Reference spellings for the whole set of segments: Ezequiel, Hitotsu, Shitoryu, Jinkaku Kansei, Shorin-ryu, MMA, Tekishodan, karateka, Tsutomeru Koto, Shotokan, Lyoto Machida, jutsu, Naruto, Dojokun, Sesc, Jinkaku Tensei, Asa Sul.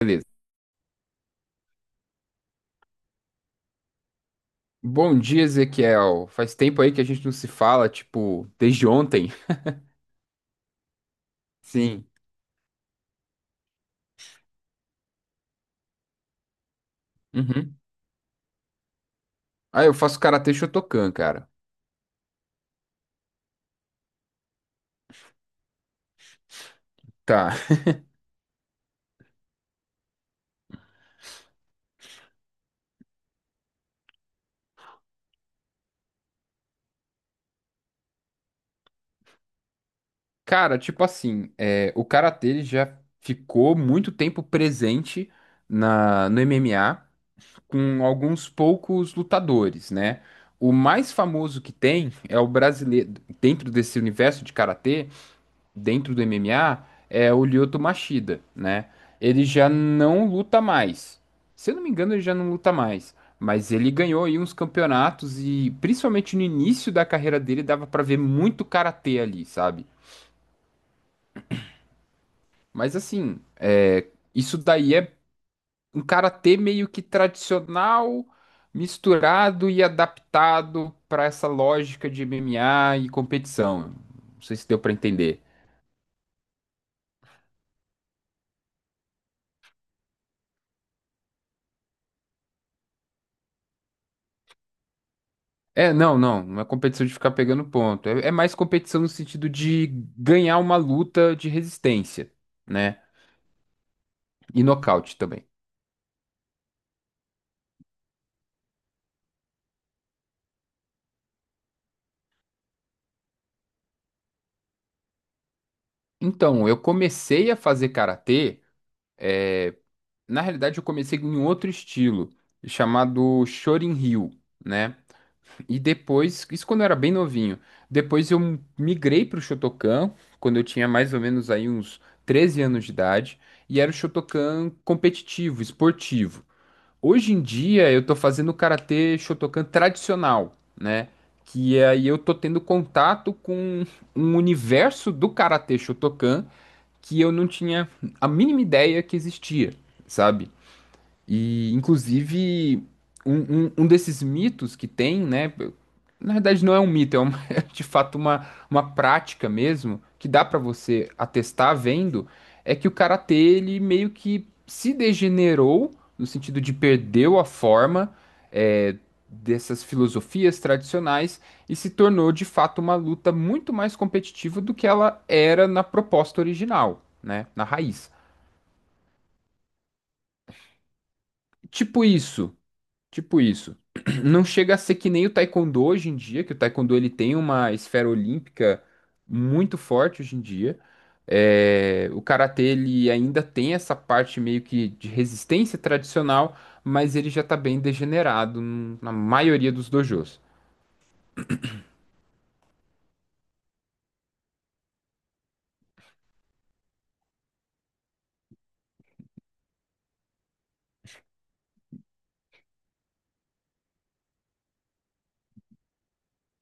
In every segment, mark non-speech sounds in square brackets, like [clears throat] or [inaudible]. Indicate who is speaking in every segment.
Speaker 1: Beleza. Bom dia, Ezequiel. Faz tempo aí que a gente não se fala, tipo, desde ontem. [laughs] Sim. Uhum. Ah, eu faço karatê Shotokan, cara. Tá. Cara, tipo assim, o karatê ele já ficou muito tempo presente no MMA com alguns poucos lutadores, né? O mais famoso que tem é o brasileiro, dentro desse universo de karatê, dentro do MMA é o Lyoto Machida, né? Ele já não luta mais. Se eu não me engano, ele já não luta mais. Mas ele ganhou aí uns campeonatos e principalmente no início da carreira dele dava pra ver muito karatê ali, sabe? Mas assim, isso daí é um karatê meio que tradicional, misturado e adaptado pra essa lógica de MMA e competição. Não sei se deu pra entender. É, não, não é competição de ficar pegando ponto. É, é mais competição no sentido de ganhar uma luta de resistência, né? E nocaute também. Então, eu comecei a fazer karatê. é, Na realidade, eu comecei em outro estilo, chamado Shorin-ryu, né? E depois, isso quando eu era bem novinho. Depois eu migrei para o Shotokan, quando eu tinha mais ou menos aí uns 13 anos de idade, e era o Shotokan competitivo, esportivo. Hoje em dia eu tô fazendo karatê Shotokan tradicional, né? Que aí eu tô tendo contato com um universo do karatê Shotokan que eu não tinha a mínima ideia que existia, sabe? E, inclusive, um, um desses mitos que tem, né? Na verdade, não é um mito, uma- [laughs] é de fato uma prática mesmo, que dá pra você atestar vendo, é que o karatê, ele meio que se degenerou, no sentido de perdeu a forma, é, dessas filosofias tradicionais e se tornou de fato uma luta muito mais competitiva do que ela era na proposta original, né? Na raiz. Tipo isso. Tipo isso. [clears throat] Não chega a ser que nem o taekwondo hoje em dia, que o taekwondo ele tem uma esfera olímpica muito forte hoje em dia. É, o karatê ele ainda tem essa parte meio que de resistência tradicional, mas ele já tá bem degenerado n- na maioria dos dojos.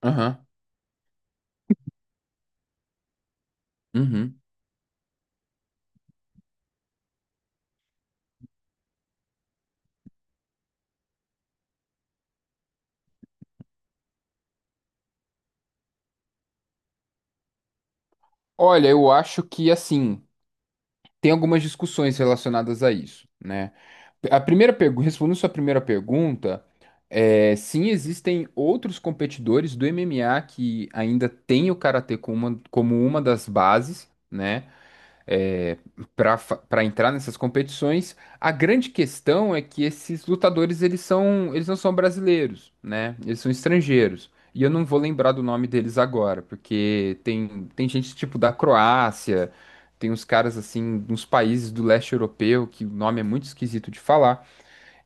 Speaker 1: Aham. Uhum. Olha, eu acho que assim, tem algumas discussões relacionadas a isso, né? A primeira pergunta, respondendo sua primeira pergunta, é, sim, existem outros competidores do MMA que ainda têm o karatê como como uma das bases, né? Para entrar nessas competições. A grande questão é que esses lutadores eles são eles não são brasileiros, né? Eles são estrangeiros. E eu não vou lembrar do nome deles agora, porque tem gente tipo da Croácia, tem uns caras assim, uns países do leste europeu que o nome é muito esquisito de falar.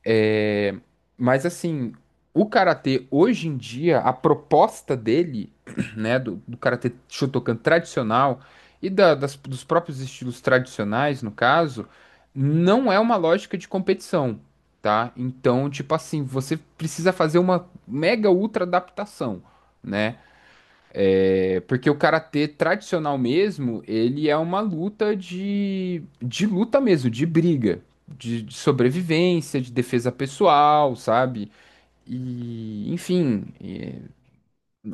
Speaker 1: É, mas assim, o karatê hoje em dia, a proposta dele, [clears throat] né, do karatê Shotokan tradicional e da- das- dos próprios estilos tradicionais, no caso, não é uma lógica de competição, tá? Então, tipo assim, você precisa fazer uma mega ultra adaptação, né? É porque o karatê tradicional mesmo, ele é uma luta de luta mesmo, de briga, de sobrevivência, de defesa pessoal, sabe? E, enfim, é,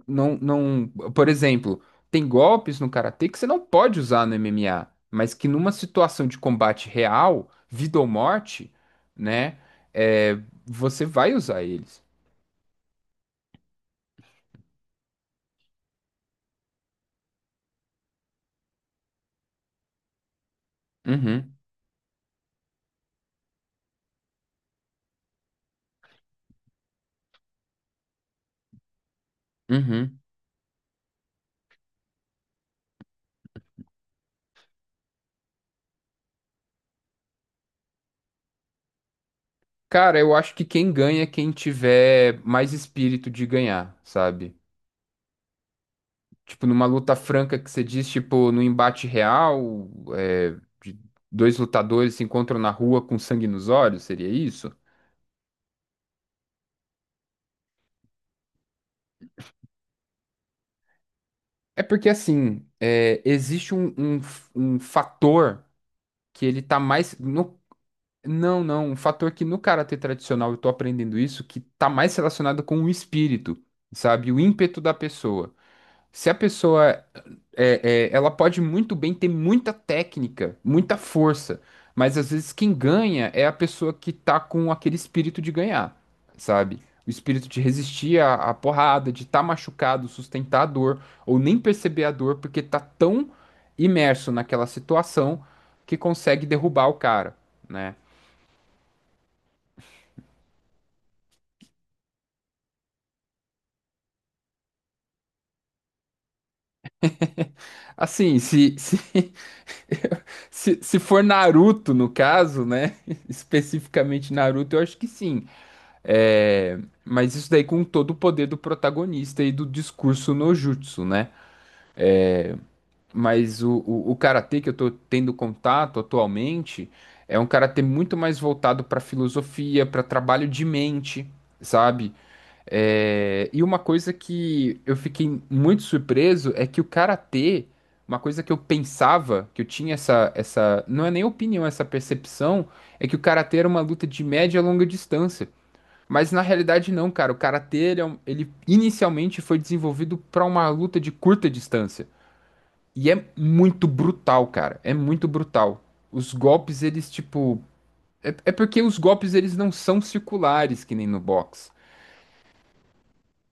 Speaker 1: não, por exemplo, tem golpes no karatê que você não pode usar no MMA, mas que numa situação de combate real, vida ou morte, né, é, você vai usar eles. Uhum, uhum. Cara, eu acho que quem ganha é quem tiver mais espírito de ganhar, sabe? Tipo, numa luta franca que você diz, tipo, no embate real, é, de dois lutadores se encontram na rua com sangue nos olhos, seria isso? É porque, assim, é, existe um, um fator que ele tá mais... No... Não, não, um fator que no karatê tradicional eu tô aprendendo isso, que tá mais relacionado com o espírito, sabe? O ímpeto da pessoa. Se a pessoa ela pode muito bem ter muita técnica, muita força, mas às vezes quem ganha é a pessoa que tá com aquele espírito de ganhar, sabe? O espírito de resistir à, à porrada, de estar machucado, sustentar a dor, ou nem perceber a dor, porque tá tão imerso naquela situação que consegue derrubar o cara. Né? Assim, se, [laughs] se for Naruto, no caso, né? [laughs] Especificamente Naruto, eu acho que sim. É, mas isso daí com todo o poder do protagonista e do discurso no jutsu, né? Mas o karatê que eu tô tendo contato atualmente é um karatê muito mais voltado para filosofia, para trabalho de mente, sabe? É, e uma coisa que eu fiquei muito surpreso é que o karatê, uma coisa que eu pensava, que eu tinha essa, não é nem opinião, essa percepção, é que o karatê era uma luta de média e longa distância. Mas na realidade não, cara. O karatê, ele, é um- ele inicialmente foi desenvolvido pra uma luta de curta distância. E é muito brutal, cara. É muito brutal. Os golpes, eles, tipo... É, é porque os golpes, eles não são circulares, que nem no boxe,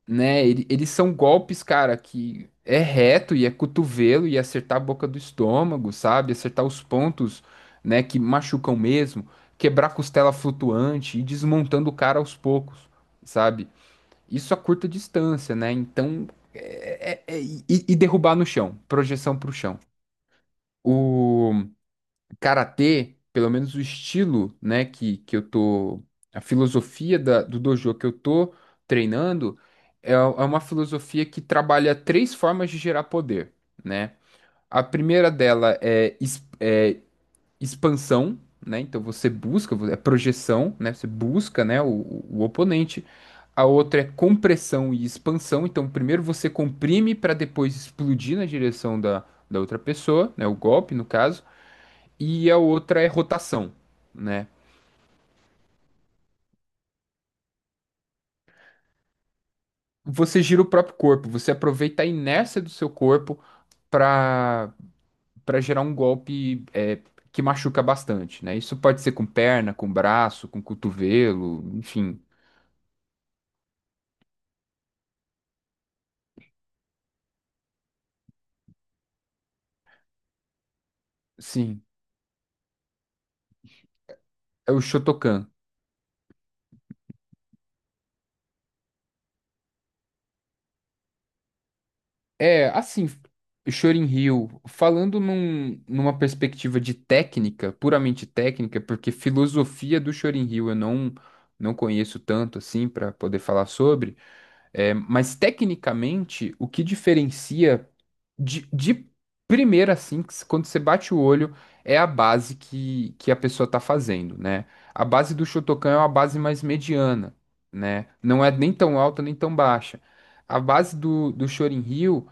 Speaker 1: né? Ele- eles são golpes, cara, que é reto e é cotovelo e é acertar a boca do estômago, sabe? Acertar os pontos, né, que machucam mesmo. Quebrar costela flutuante e desmontando o cara aos poucos, sabe? Isso a curta distância, né? Então, é- é- é- e derrubar no chão, projeção para o chão. O karatê, pelo menos o estilo, né, que eu tô, a filosofia da- do dojo que eu tô treinando é, é uma filosofia que trabalha três formas de gerar poder, né? A primeira dela é expansão, né? Então você busca, é projeção, né? Você busca, né, o oponente. A outra é compressão e expansão. Então primeiro você comprime para depois explodir na direção da outra pessoa, né? O golpe, no caso. E a outra é rotação, né? Você gira o próprio corpo, você aproveita a inércia do seu corpo para para gerar um golpe é, que machuca bastante, né? Isso pode ser com perna, com braço, com cotovelo, enfim. Sim, é o Shotokan. É, assim, Chorin Hill, falando num- numa perspectiva de técnica, puramente técnica, porque filosofia do Chorin Hill eu não, não conheço tanto assim para poder falar sobre, é, mas tecnicamente o que diferencia de primeira assim, que se- quando você bate o olho, é a base que a pessoa está fazendo, né? A base do Shotokan é uma base mais mediana, né? Não é nem tão alta nem tão baixa. A base do Chorin Hill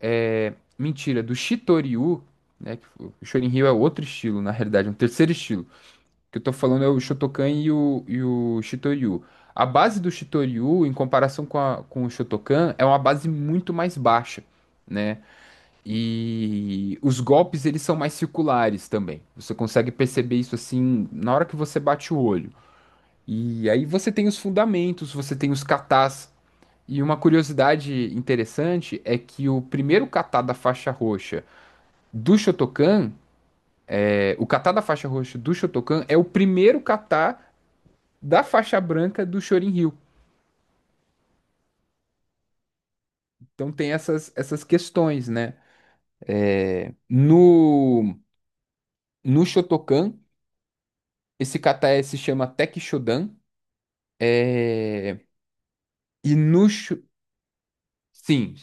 Speaker 1: é, mentira, do Shitoryu, né? Que o Shorinryu é outro estilo, na realidade, é um terceiro estilo. O que eu tô falando é o Shotokan e e o Shitoryu. A base do Shitoryu, em comparação com, a- com o Shotokan, é uma base muito mais baixa, né? E os golpes, eles são mais circulares também. Você consegue perceber isso, assim, na hora que você bate o olho. E aí você tem os fundamentos, você tem os katas. E uma curiosidade interessante é que o primeiro kata da faixa roxa do Shotokan, é, o kata da faixa roxa do Shotokan é o primeiro kata da faixa branca do Shorin-ryu. Então tem essas questões, né? É, no Shotokan, esse kata é- se chama Tekishodan. É, e no... Sim,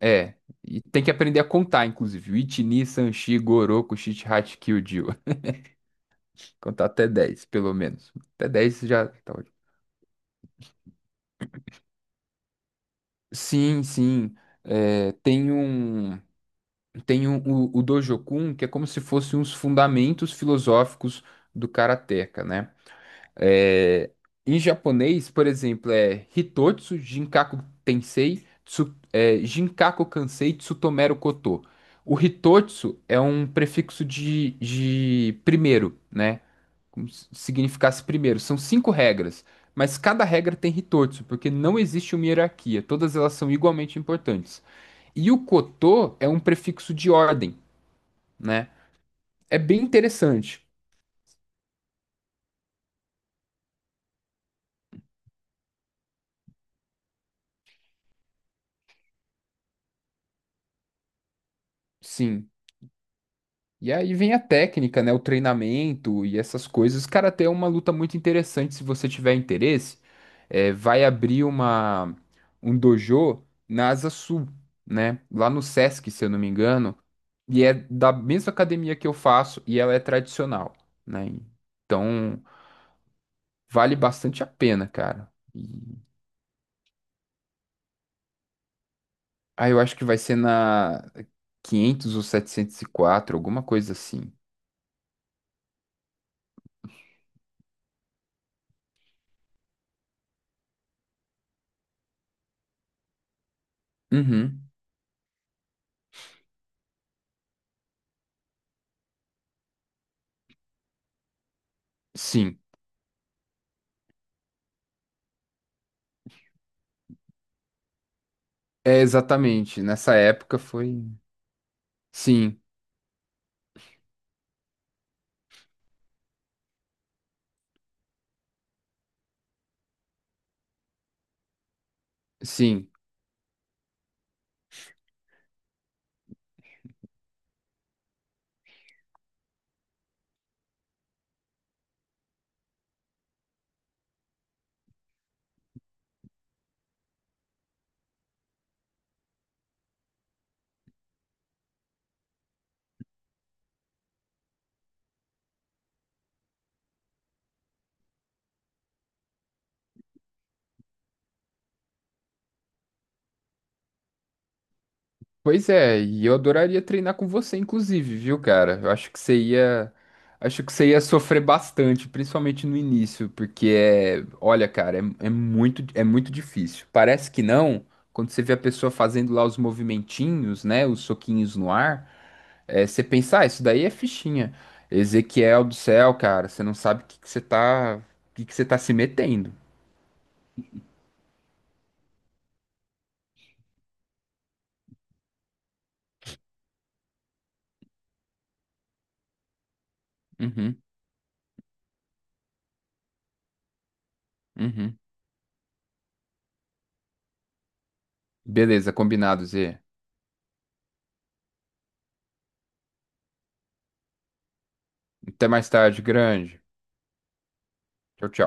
Speaker 1: é. E tem que aprender a contar, inclusive. Ichi, ni, san, shi, goroku, shichihachi, kyujiwa. [laughs] Contar até 10 pelo menos. Até 10 já tá ótimo. Sim, sim. É, tem um... Tem o Dojokun, que é como se fossem os fundamentos filosóficos do karateka, né? É, em japonês, por exemplo, é Hitotsu, Jinkaku Tensei, Tsu, é, Jinkaku Kansei, Tsutomeru Koto. O Hitotsu é um prefixo de primeiro, né? Como se significasse primeiro. São cinco regras, mas cada regra tem Hitotsu, porque não existe uma hierarquia. Todas elas são igualmente importantes. E o Koto é um prefixo de ordem né? É bem interessante, sim. E aí vem a técnica, né? O treinamento e essas coisas. Cara, até é uma luta muito interessante se você tiver interesse. É, vai abrir uma um dojo na Asa Sul, né? Lá no Sesc, se eu não me engano. E é da mesma academia que eu faço e ela é tradicional, né? Então vale bastante a pena, cara. E... Ah, eu acho que vai ser na 500 ou 704, alguma coisa assim. Uhum. Sim. É, exatamente. Nessa época foi. Sim, sim. Pois é, e eu adoraria treinar com você, inclusive, viu, cara? Eu acho que você ia. Acho que você ia sofrer bastante, principalmente no início, porque é. Olha, cara, é muito difícil. Parece que não, quando você vê a pessoa fazendo lá os movimentinhos, né? Os soquinhos no ar, é, você pensa, ah, isso daí é fichinha. Ezequiel do céu, cara, você não sabe o que que você tá. O que que você tá se metendo. Uhum, uhum. Beleza, combinado, Zê. Até mais tarde, grande. Tchau, tchau.